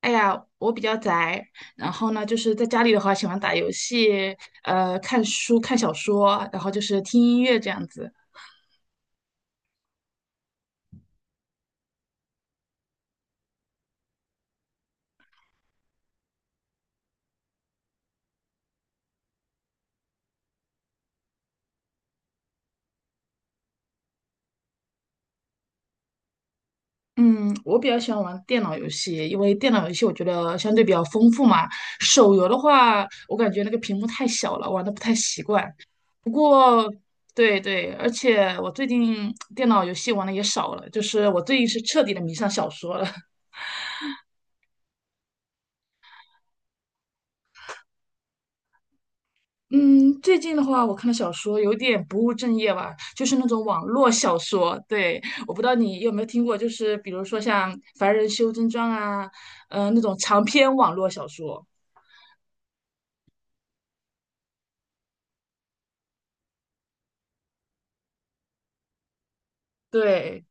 哎呀，我比较宅，然后呢，就是在家里的话，喜欢打游戏，看书、看小说，然后就是听音乐这样子。嗯，我比较喜欢玩电脑游戏，因为电脑游戏我觉得相对比较丰富嘛。手游的话，我感觉那个屏幕太小了，玩的不太习惯。不过，对对，而且我最近电脑游戏玩的也少了，就是我最近是彻底的迷上小说了。嗯，最近的话，我看的小说有点不务正业吧，就是那种网络小说。对，我不知道你有没有听过，就是比如说像《凡人修真传》啊，嗯，那种长篇网络小说。对，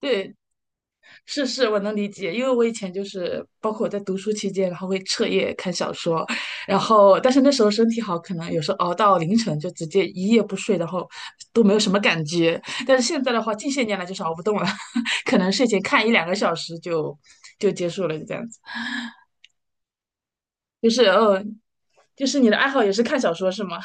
对，是是，我能理解，因为我以前就是，包括我在读书期间，然后会彻夜看小说，然后但是那时候身体好，可能有时候熬到凌晨就直接一夜不睡，然后都没有什么感觉。但是现在的话，近些年来就是熬不动了，可能睡前看一两个小时就结束了，就这样子。就是呃，就是你的爱好也是看小说是吗？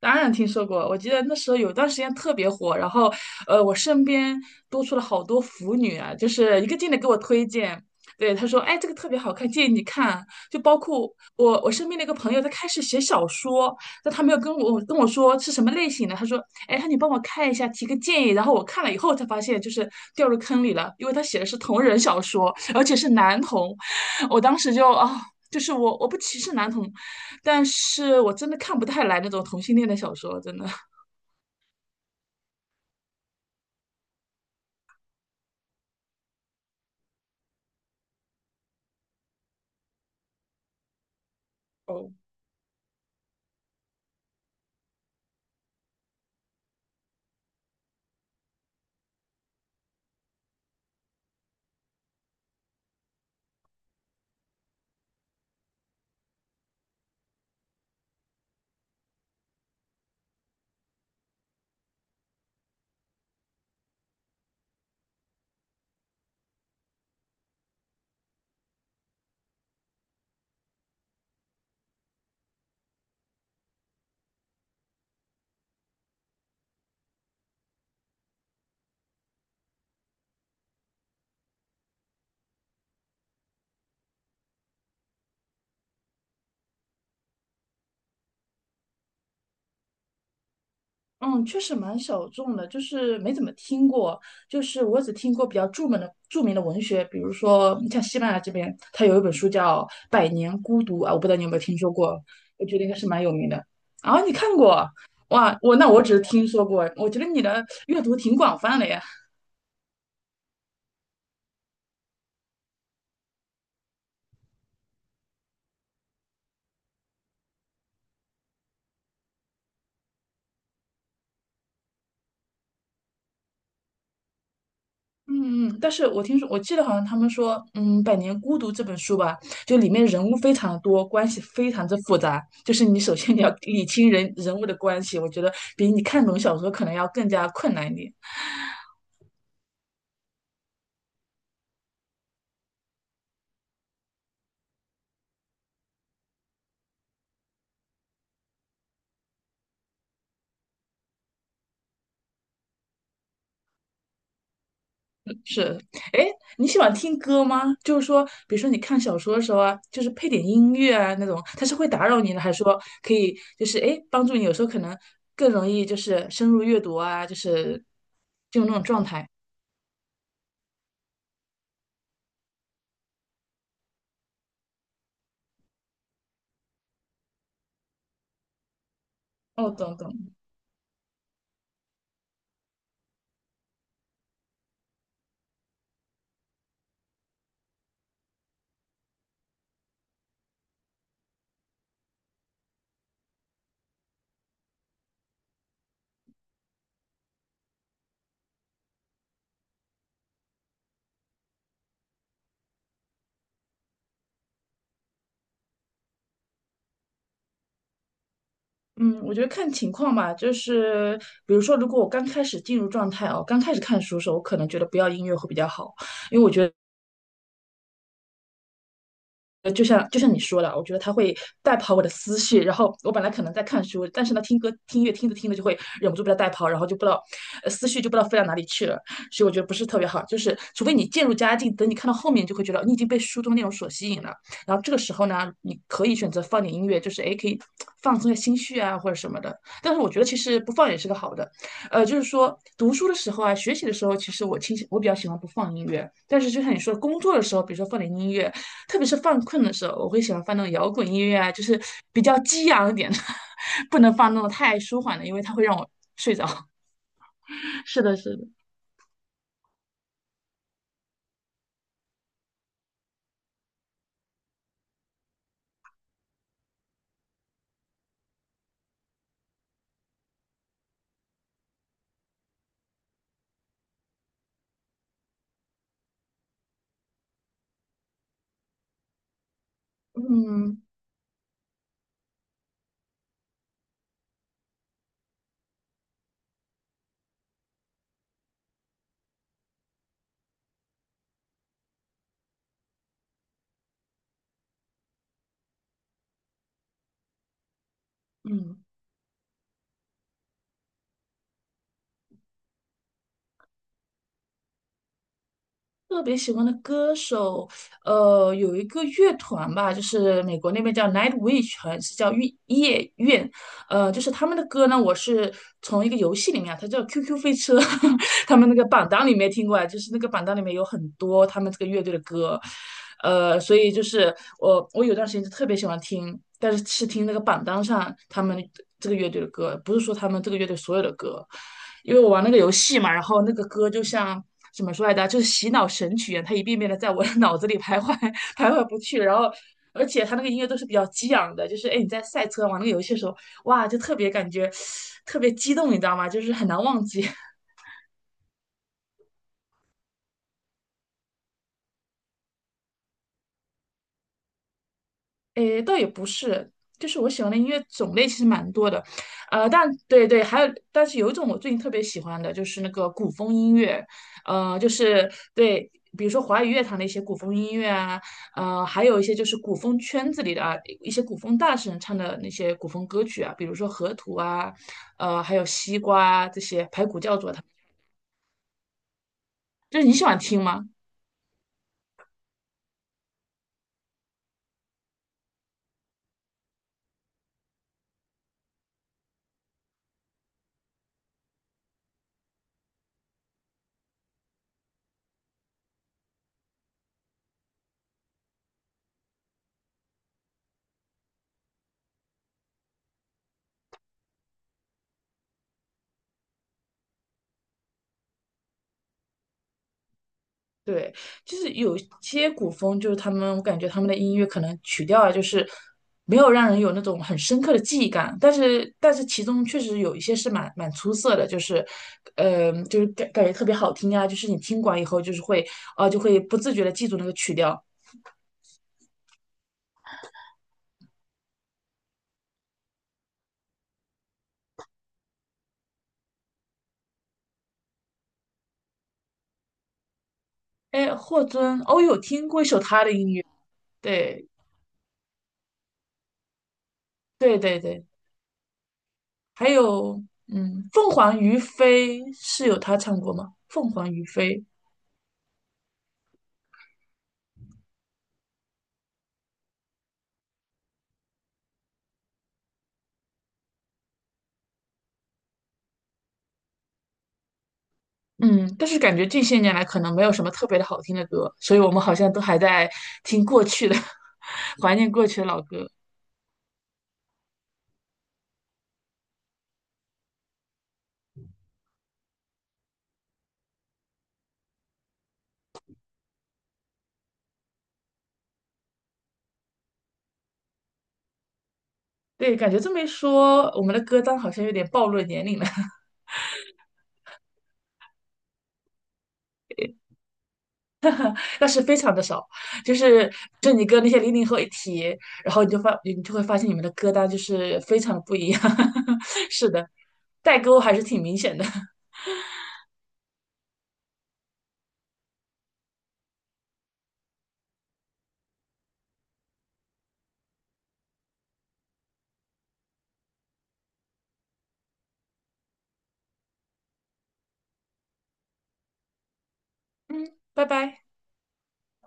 当然听说过，我记得那时候有段时间特别火，然后，我身边多出了好多腐女啊，就是一个劲的给我推荐。对，他说，哎，这个特别好看，建议你看。就包括我，我身边的一个朋友，他开始写小说，但他没有跟我说是什么类型的。他说，哎，他你帮我看一下，提个建议。然后我看了以后才发现，就是掉入坑里了，因为他写的是同人小说，而且是男同。我当时就啊，就是我不歧视男同，但是我真的看不太来那种同性恋的小说，真的。哦，嗯，确实蛮小众的，就是没怎么听过。就是我只听过比较著名的文学，比如说像西班牙这边，它有一本书叫《百年孤独》啊，我不知道你有没有听说过，我觉得应该是蛮有名的。啊，你看过？哇，我那我只是听说过，我觉得你的阅读挺广泛的呀。嗯嗯，但是我听说，我记得好像他们说，嗯，《百年孤独》这本书吧，就里面人物非常的多，关系非常之复杂。就是你首先你要理清人物的关系，我觉得比你看懂小说可能要更加困难一点。是，哎，你喜欢听歌吗？就是说，比如说你看小说的时候啊，就是配点音乐啊那种，它是会打扰你呢，还是说可以就是哎帮助你？有时候可能更容易就是深入阅读啊，就是进入那种状态。哦，懂懂。嗯，我觉得看情况吧，就是比如说，如果我刚开始进入状态哦，刚开始看书的时候，我可能觉得不要音乐会比较好，因为我觉得。就像你说的啊，我觉得它会带跑我的思绪。然后我本来可能在看书，但是呢，听歌听音乐听着听着就会忍不住被它带跑，然后就不知道，呃思绪就不知道飞到哪里去了。所以我觉得不是特别好，就是除非你渐入佳境，等你看到后面，就会觉得哦你已经被书中内容所吸引了。然后这个时候呢，你可以选择放点音乐，就是诶，可以放松一下心绪啊，或者什么的。但是我觉得其实不放也是个好的，就是说读书的时候啊，学习的时候，其实我倾向我比较喜欢不放音乐，但是就像你说，工作的时候，比如说放点音乐。特别是犯困的时候，我会喜欢放那种摇滚音乐啊，就是比较激昂一点的，不能放那种太舒缓的，因为它会让我睡着。是的，是的，嗯嗯，特别喜欢的歌手，呃，有一个乐团吧，就是美国那边叫 Nightwish，好像是叫夜夜愿就是他们的歌呢，我是从一个游戏里面啊它叫 QQ 飞车，他们那个榜单里面听过来，就是那个榜单里面有很多他们这个乐队的歌，所以就是我有段时间就特别喜欢听，但是是听那个榜单上他们这个乐队的歌，不是说他们这个乐队所有的歌，因为我玩那个游戏嘛，然后那个歌就像。怎么说来着？就是洗脑神曲一样，它一遍遍的在我的 脑子里徘徊，徘徊不去。然后而且他那个音乐都是比较激昂的，就是哎你在赛车玩那个游戏的时候，哇，就特别感觉特别激动，你知道吗？就是很难忘记。哎，倒也不是，就是我喜欢的音乐种类其实蛮多的，呃，但对对，还有，但是有一种我最近特别喜欢的就是那个古风音乐，呃，就是对。比如说华语乐坛的一些古风音乐啊，还有一些就是古风圈子里的啊，一些古风大神唱的那些古风歌曲啊，比如说河图啊，还有西瓜啊这些排骨教主啊就是你喜欢听吗？对，就是有些古风，就是他们，我感觉他们的音乐可能曲调啊，就是没有让人有那种很深刻的记忆感，但是其中确实有一些是蛮蛮出色的，就是，就是感觉特别好听啊，就是你听完以后就是会，啊、就会不自觉的记住那个曲调。哎，霍尊，哦，有听过一首他的音乐，对对对对，还有，嗯，凤凰于飞是有他唱过吗？凤凰于飞。嗯，但是感觉近些年来可能没有什么特别的好听的歌，所以我们好像都还在听过去的，怀念过去的老歌。对，感觉这么一说，我们的歌单好像有点暴露年龄了，但是非常的少。就是你跟那些零零后一提，然后你就会发现你们的歌单就是非常的不一样。是的，代沟还是挺明显的。嗯，拜拜。